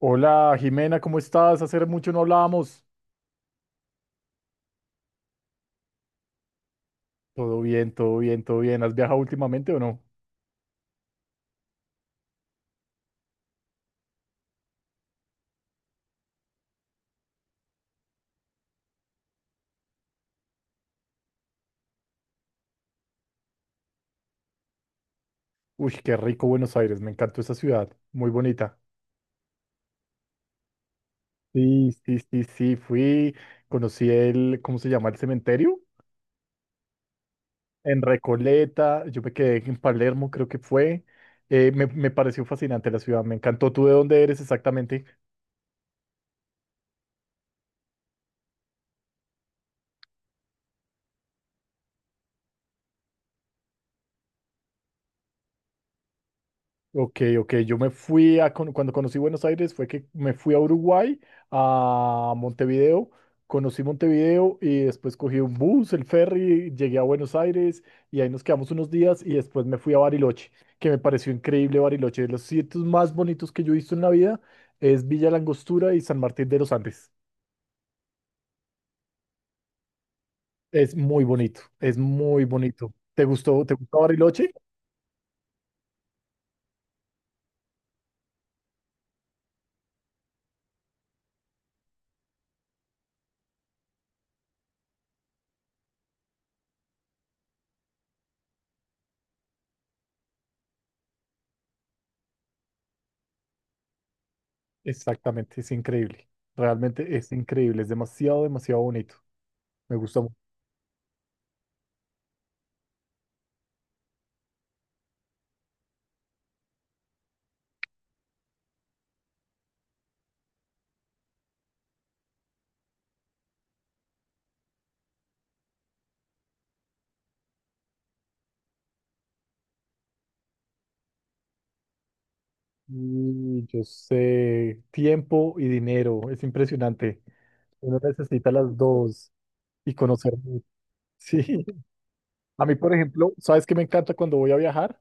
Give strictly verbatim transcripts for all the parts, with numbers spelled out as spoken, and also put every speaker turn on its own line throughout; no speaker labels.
Hola Jimena, ¿cómo estás? Hace mucho no hablábamos. Todo bien, todo bien, todo bien. ¿Has viajado últimamente o no? Uy, qué rico Buenos Aires, me encantó esa ciudad, muy bonita. Sí, sí, sí, sí, fui, conocí el, ¿cómo se llama? El cementerio en Recoleta, yo me quedé en Palermo, creo que fue. Eh, me, me pareció fascinante la ciudad, me encantó. ¿Tú de dónde eres exactamente? Ok, ok, yo me fui a, con- cuando conocí Buenos Aires fue que me fui a Uruguay, a Montevideo, conocí Montevideo y después cogí un bus, el ferry, llegué a Buenos Aires y ahí nos quedamos unos días y después me fui a Bariloche, que me pareció increíble Bariloche, de los sitios más bonitos que yo he visto en la vida es Villa La Angostura y San Martín de los Andes. Es muy bonito, es muy bonito. ¿Te gustó, te gustó Bariloche? Exactamente, es increíble, realmente es increíble, es demasiado, demasiado bonito, me gusta mucho. Y yo sé, tiempo y dinero, es impresionante. Uno necesita las dos y conocer mucho. Sí, a mí, por ejemplo, ¿sabes qué me encanta cuando voy a viajar?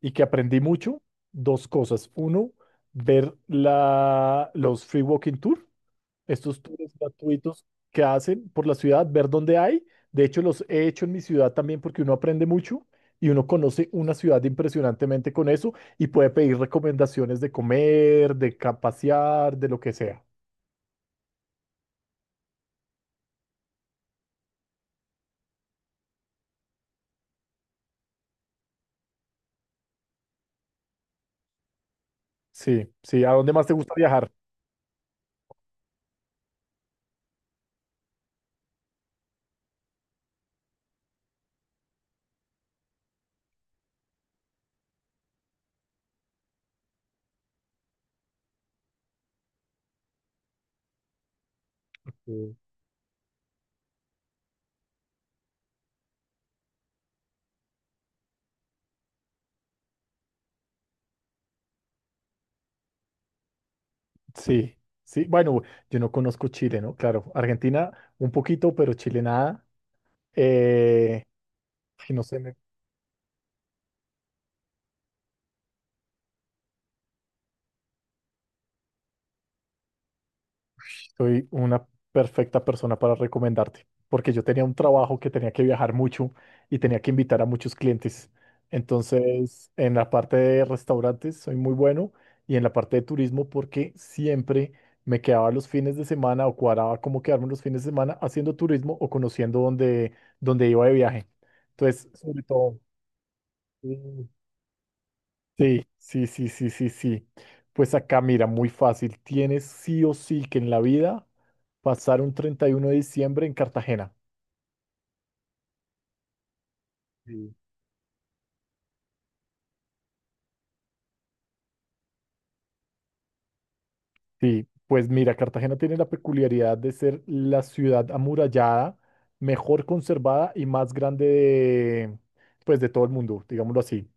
Y que aprendí mucho, dos cosas. Uno, ver la, los free walking tour, estos tours gratuitos que hacen por la ciudad, ver dónde hay. De hecho, los he hecho en mi ciudad también porque uno aprende mucho y uno conoce una ciudad impresionantemente con eso y puede pedir recomendaciones de comer, de ca- pasear, de lo que sea. Sí, sí, ¿a dónde más te gusta viajar? Sí, sí, sí. Bueno, yo no conozco Chile, ¿no? Claro, Argentina un poquito, pero Chile nada. Eh, ay, no sé, soy una perfecta persona para recomendarte, porque yo tenía un trabajo que tenía que viajar mucho y tenía que invitar a muchos clientes. Entonces, en la parte de restaurantes soy muy bueno y en la parte de turismo porque siempre me quedaba los fines de semana o cuadraba cómo quedarme los fines de semana haciendo turismo o conociendo dónde, dónde, iba de viaje. Entonces, sobre todo, sí, sí, sí, sí, sí, sí, sí. Pues acá, mira, muy fácil. Tienes sí o sí que en la vida pasar un treinta y uno de diciembre en Cartagena. Sí. Sí, pues mira, Cartagena tiene la peculiaridad de ser la ciudad amurallada, mejor conservada y más grande de, pues, de todo el mundo, digámoslo así.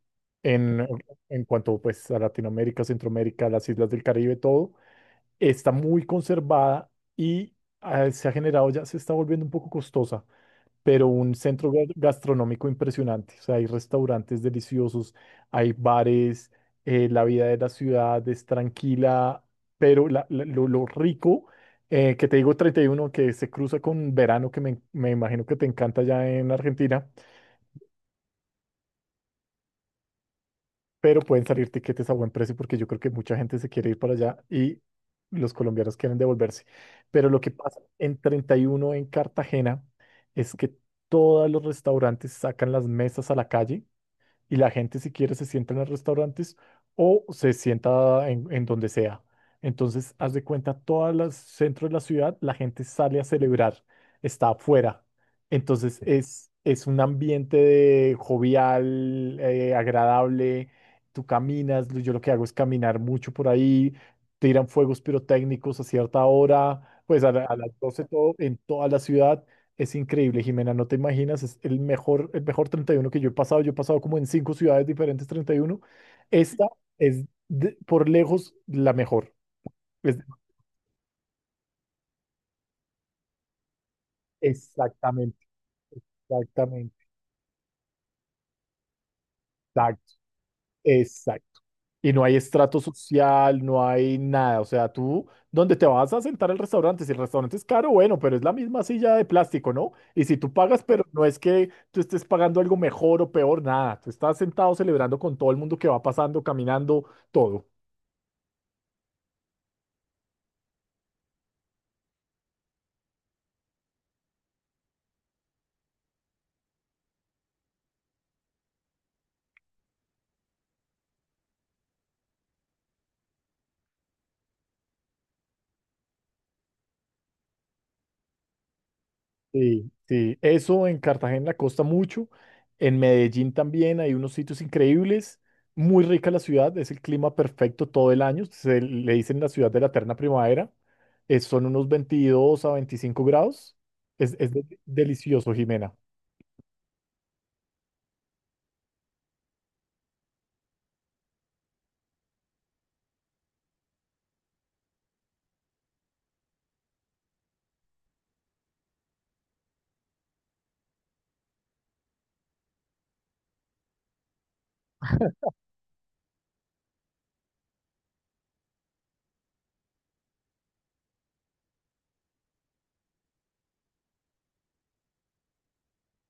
En, en cuanto pues a Latinoamérica, Centroamérica, las islas del Caribe, todo, está muy conservada y ah, se ha generado, ya se está volviendo un poco costosa, pero un centro ga- gastronómico impresionante. O sea, hay restaurantes deliciosos, hay bares, eh, la vida de la ciudad es tranquila, pero la- la- lo, lo rico, eh, que te digo treinta y uno, que se cruza con verano, que me, me imagino que te encanta allá en Argentina, pero pueden salir tiquetes a buen precio porque yo creo que mucha gente se quiere ir para allá y los colombianos quieren devolverse. Pero lo que pasa en treinta y uno en Cartagena es que todos los restaurantes sacan las mesas a la calle y la gente si quiere se sienta en los restaurantes o se sienta en, en, donde sea. Entonces, haz de cuenta, todos los centros de la ciudad, la gente sale a celebrar, está afuera. Entonces, es, es un ambiente de jovial, eh, agradable. Tú caminas, yo lo que hago es caminar mucho por ahí, tiran fuegos pirotécnicos a cierta hora, pues a, la- a las doce, todo en toda la ciudad es increíble, Jimena, no te imaginas, es el mejor, el mejor treinta y uno que yo he pasado. Yo he pasado como en cinco ciudades diferentes treinta y uno. Esta es de- por lejos la mejor. Es- exactamente, exactamente, exacto, exacto. Y no hay estrato social, no hay nada. O sea, tú, ¿dónde te vas a sentar al restaurante? Si el restaurante es caro, bueno, pero es la misma silla de plástico, ¿no? Y si tú pagas, pero no es que tú estés pagando algo mejor o peor, nada. Tú estás sentado celebrando con todo el mundo que va pasando, caminando, todo. Sí, sí, eso en Cartagena costa mucho, en Medellín también hay unos sitios increíbles, muy rica la ciudad, es el clima perfecto todo el año, se le dicen la ciudad de la eterna primavera, eh, son unos veintidós a veinticinco grados, es, es de- delicioso, Jimena.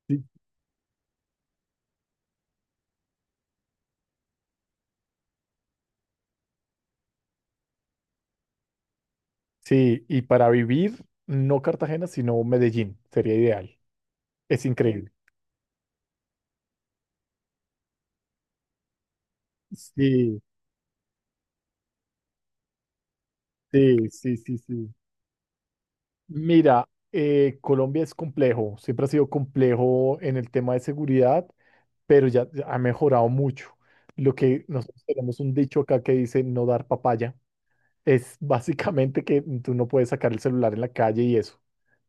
Sí, sí, y para vivir, no Cartagena, sino Medellín, sería ideal, es increíble. Sí, sí, sí, sí, sí. Mira, eh, Colombia es complejo, siempre ha sido complejo en el tema de seguridad, pero ya ya ha mejorado mucho. Lo que nosotros tenemos un dicho acá que dice no dar papaya, es básicamente que tú no puedes sacar el celular en la calle y eso.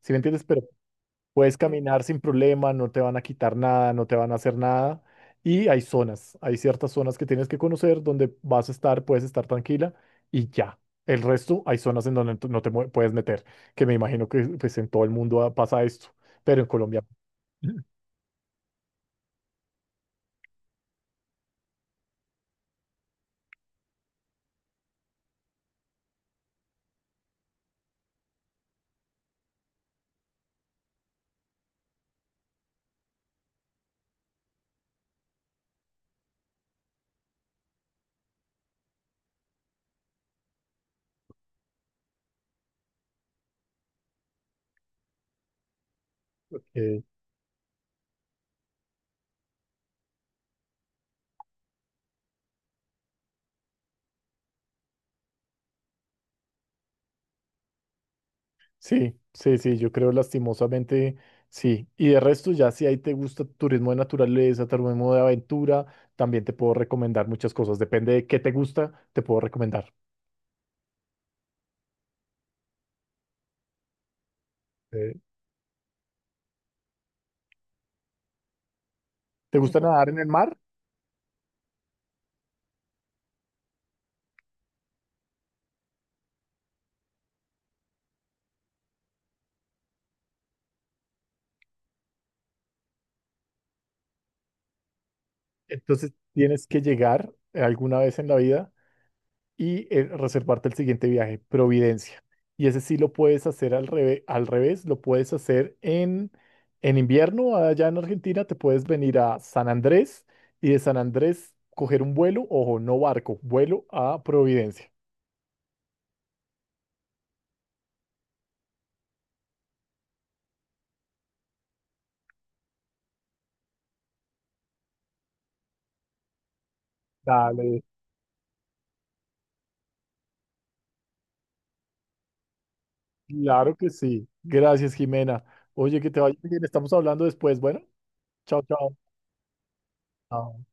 ¿Sí me entiendes? Pero puedes caminar sin problema, no te van a quitar nada, no te van a hacer nada. Y hay zonas, hay ciertas zonas que tienes que conocer donde vas a estar, puedes estar tranquila y ya. El resto, hay zonas en donde tú no te mue- puedes meter, que me imagino que pues, en todo el mundo ah, pasa esto, pero en Colombia. Eh, sí, sí, sí, yo creo lastimosamente sí. Y de resto, ya si ahí te gusta turismo de naturaleza, turismo de aventura, también te puedo recomendar muchas cosas. Depende de qué te gusta, te puedo recomendar. Eh, ¿te gusta nadar en el mar? Entonces tienes que llegar alguna vez en la vida y eh, reservarte el siguiente viaje, Providencia. Y ese sí lo puedes hacer al revés, al revés, lo puedes hacer en, en, invierno allá en Argentina, te puedes venir a San Andrés y de San Andrés coger un vuelo, ojo, no barco, vuelo a Providencia. Dale, claro que sí. Gracias, Jimena. Oye, que te vaya bien, estamos hablando después. Bueno, chao, chao. Chao.